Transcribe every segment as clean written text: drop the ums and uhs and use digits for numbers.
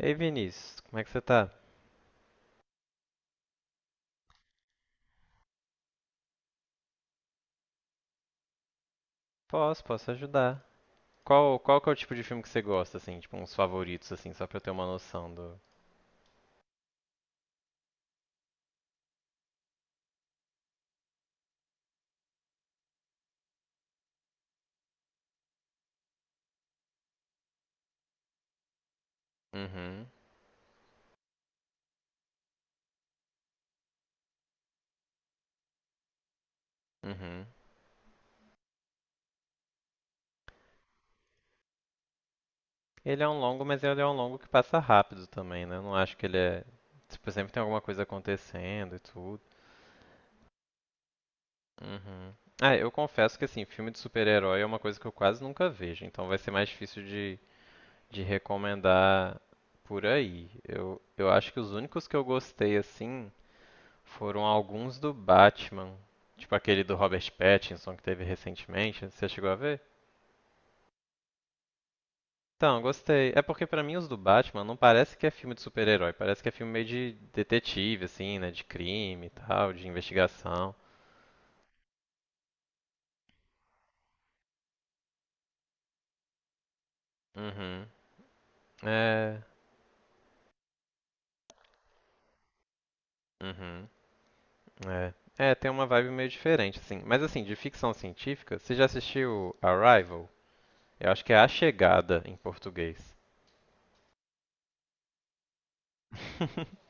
Ei, Vinícius, como é que você tá? Posso ajudar. Qual que é o tipo de filme que você gosta, assim? Tipo, uns favoritos, assim, só pra eu ter uma noção do... Uhum, uhum. Ele é um longo, mas ele é um longo que passa rápido também, né? Eu não acho que ele é... Tipo, sempre tem alguma coisa acontecendo e tudo. Uhum. Ah, eu confesso que, assim, filme de super-herói é uma coisa que eu quase nunca vejo, então vai ser mais difícil de recomendar por aí. Eu acho que os únicos que eu gostei, assim... Foram alguns do Batman. Tipo aquele do Robert Pattinson que teve recentemente. Você chegou a ver? Então, gostei. É porque pra mim os do Batman não parece que é filme de super-herói. Parece que é filme meio de detetive, assim, né? De crime e tal, de investigação. Uhum. É. Uhum. É, É, tem uma vibe meio diferente, assim. Mas assim, de ficção científica, você já assistiu Arrival? Eu acho que é A Chegada em português.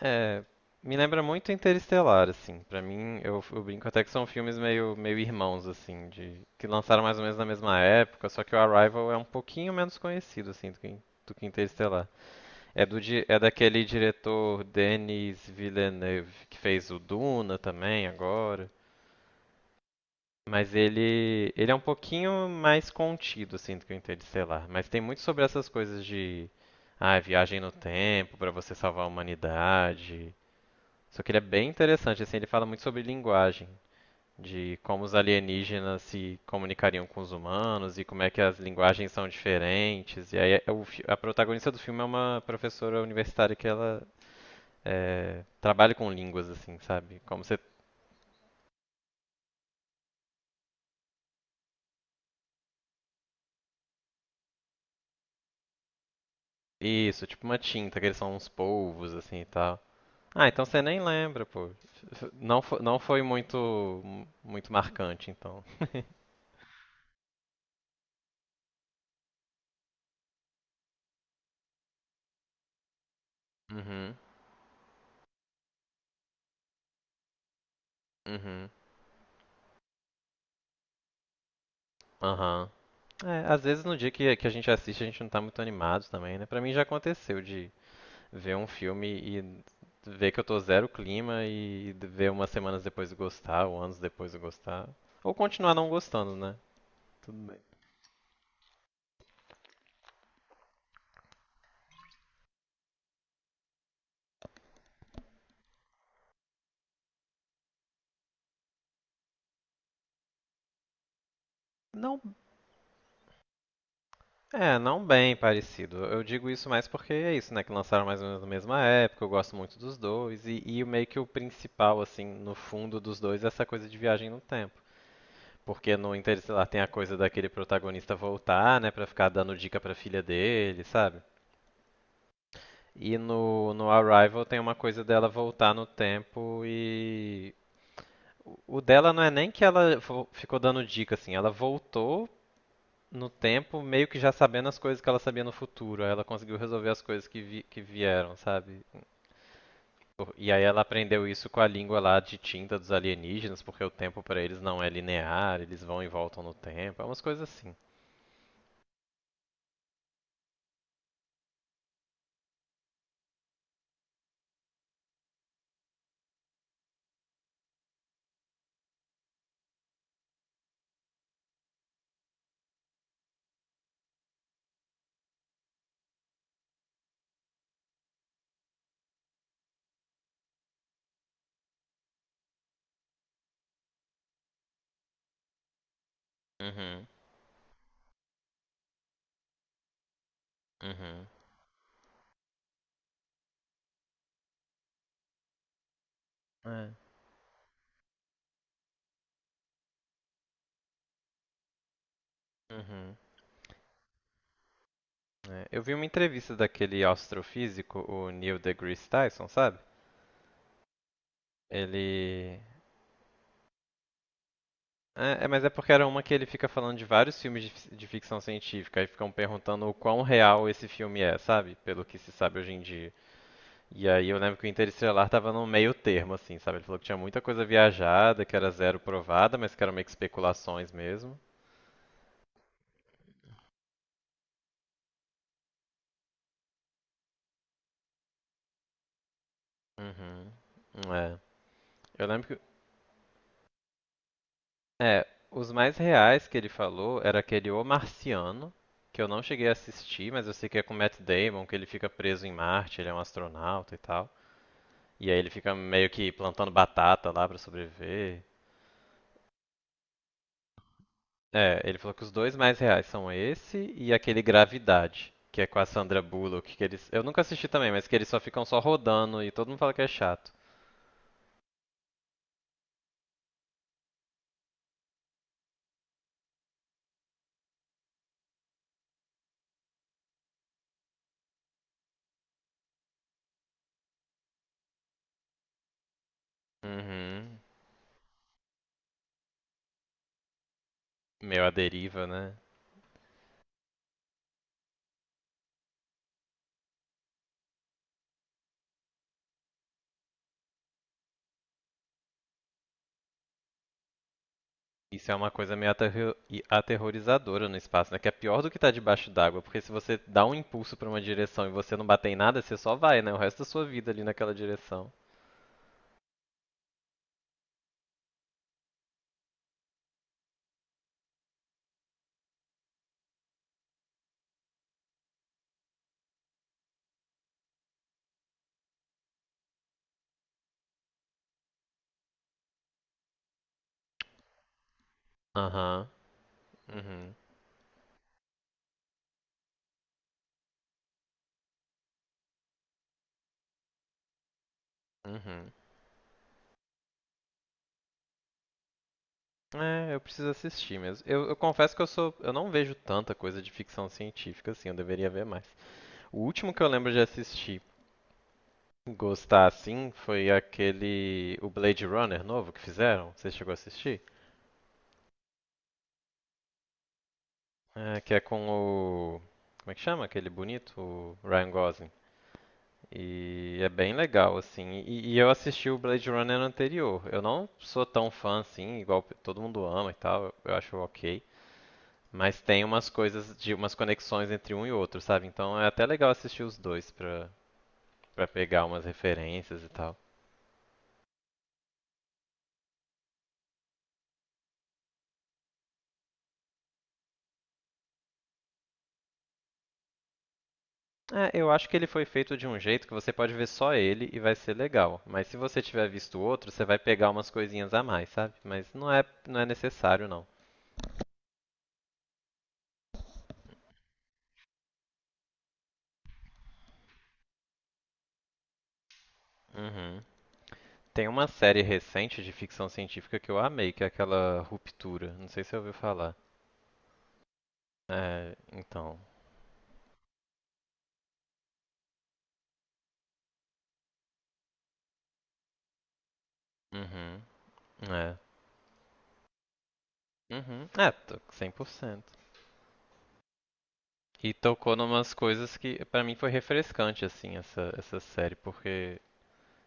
É, me lembra muito Interestelar, assim. Pra mim, eu brinco até que são filmes meio, meio irmãos, assim, de que lançaram mais ou menos na mesma época, só que o Arrival é um pouquinho menos conhecido, assim, do que Interestelar. É do é daquele diretor Denis Villeneuve que fez o Duna também agora, mas ele é um pouquinho mais contido, assim, do que o Interestelar. Mas tem muito sobre essas coisas de ah, viagem no tempo pra você salvar a humanidade. Só que ele é bem interessante, assim, ele fala muito sobre linguagem, de como os alienígenas se comunicariam com os humanos e como é que as linguagens são diferentes. E aí é o a protagonista do filme é uma professora universitária que ela é, trabalha com línguas, assim, sabe? Como você... Isso, tipo uma tinta, que eles são uns polvos, assim, e tal. Ah, então você nem lembra, pô. Não, não foi muito, muito marcante, então. Uhum, uhum, aham. É, às vezes no dia que a gente assiste, a gente não tá muito animado também, né? Pra mim já aconteceu de ver um filme e ver que eu tô zero clima e ver umas semanas depois de gostar, ou anos depois de gostar. Ou continuar não gostando, né? Tudo bem. Não, é, não bem parecido. Eu digo isso mais porque é isso, né? Que lançaram mais ou menos na mesma época, eu gosto muito dos dois, e meio que o principal, assim, no fundo dos dois é essa coisa de viagem no tempo. Porque no Interestelar tem a coisa daquele protagonista voltar, né, pra ficar dando dica pra filha dele, sabe? E no, no Arrival tem uma coisa dela voltar no tempo e. O dela não é nem que ela ficou dando dica, assim, ela voltou no tempo meio que já sabendo as coisas que ela sabia no futuro. Aí ela conseguiu resolver as coisas que, vi, que vieram, sabe? E aí ela aprendeu isso com a língua lá de tinta dos alienígenas, porque o tempo pra eles não é linear, eles vão e voltam no tempo, é umas coisas assim. Uhum, uhum. É. Uhum. É. Eu vi uma entrevista daquele astrofísico, o Neil deGrasse Tyson, sabe? Ele. É, é, mas é porque era uma que ele fica falando de vários filmes de, de ficção científica e ficam perguntando o quão real esse filme é, sabe? Pelo que se sabe hoje em dia. E aí eu lembro que o Interestelar tava no meio termo, assim, sabe? Ele falou que tinha muita coisa viajada, que era zero provada, mas que eram meio que especulações mesmo. Uhum. É. Eu lembro que é, os mais reais que ele falou era aquele O Marciano, que eu não cheguei a assistir, mas eu sei que é com Matt Damon, que ele fica preso em Marte, ele é um astronauta e tal. E aí ele fica meio que plantando batata lá pra sobreviver. É, ele falou que os dois mais reais são esse e aquele Gravidade, que é com a Sandra Bullock, que eles. Eu nunca assisti também, mas que eles só ficam só rodando e todo mundo fala que é chato. Uhum. Meu, a deriva, né? Isso é uma coisa meio aterrorizadora no espaço, né? Que é pior do que estar debaixo d'água, porque se você dá um impulso pra uma direção e você não bater em nada, você só vai, né? O resto da sua vida ali naquela direção. Aham. Uhum. Uhum. É, eu preciso assistir mesmo. Eu confesso que eu sou, eu não vejo tanta coisa de ficção científica assim, eu deveria ver mais. O último que eu lembro de assistir, gostar assim, foi aquele o Blade Runner novo que fizeram. Você chegou a assistir? É, que é com o. Como é que chama aquele bonito? O Ryan Gosling. E é bem legal, assim. E eu assisti o Blade Runner anterior. Eu não sou tão fã assim, igual todo mundo ama e tal, eu acho ok. Mas tem umas coisas, de umas conexões entre um e outro, sabe? Então é até legal assistir os dois pra, pra pegar umas referências e tal. É, eu acho que ele foi feito de um jeito que você pode ver só ele e vai ser legal. Mas se você tiver visto outro, você vai pegar umas coisinhas a mais, sabe? Mas não é, não é necessário, não. Uhum. Tem uma série recente de ficção científica que eu amei, que é aquela Ruptura. Não sei se você ouviu falar. É, então. Uhum. É. Uhum. É, tô 100%. E tocou numas coisas que pra mim foi refrescante assim essa série, porque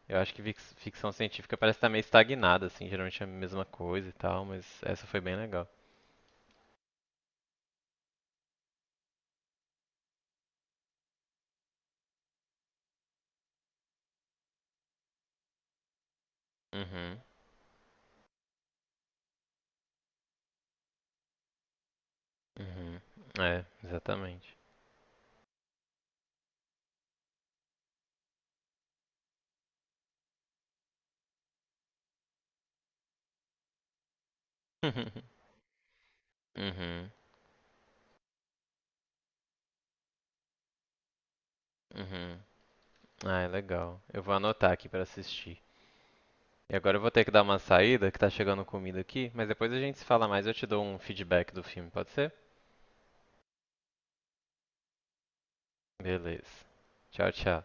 eu acho que ficção científica parece estar meio estagnada assim, geralmente é a mesma coisa e tal, mas essa foi bem legal. Uhum. Uhum. É, exatamente. Uhum. Uhum. Ah, é legal. Eu vou anotar aqui pra assistir. E agora eu vou ter que dar uma saída, que tá chegando comida aqui, mas depois a gente se fala mais, eu te dou um feedback do filme, pode ser? Beleza. Tchau, tchau.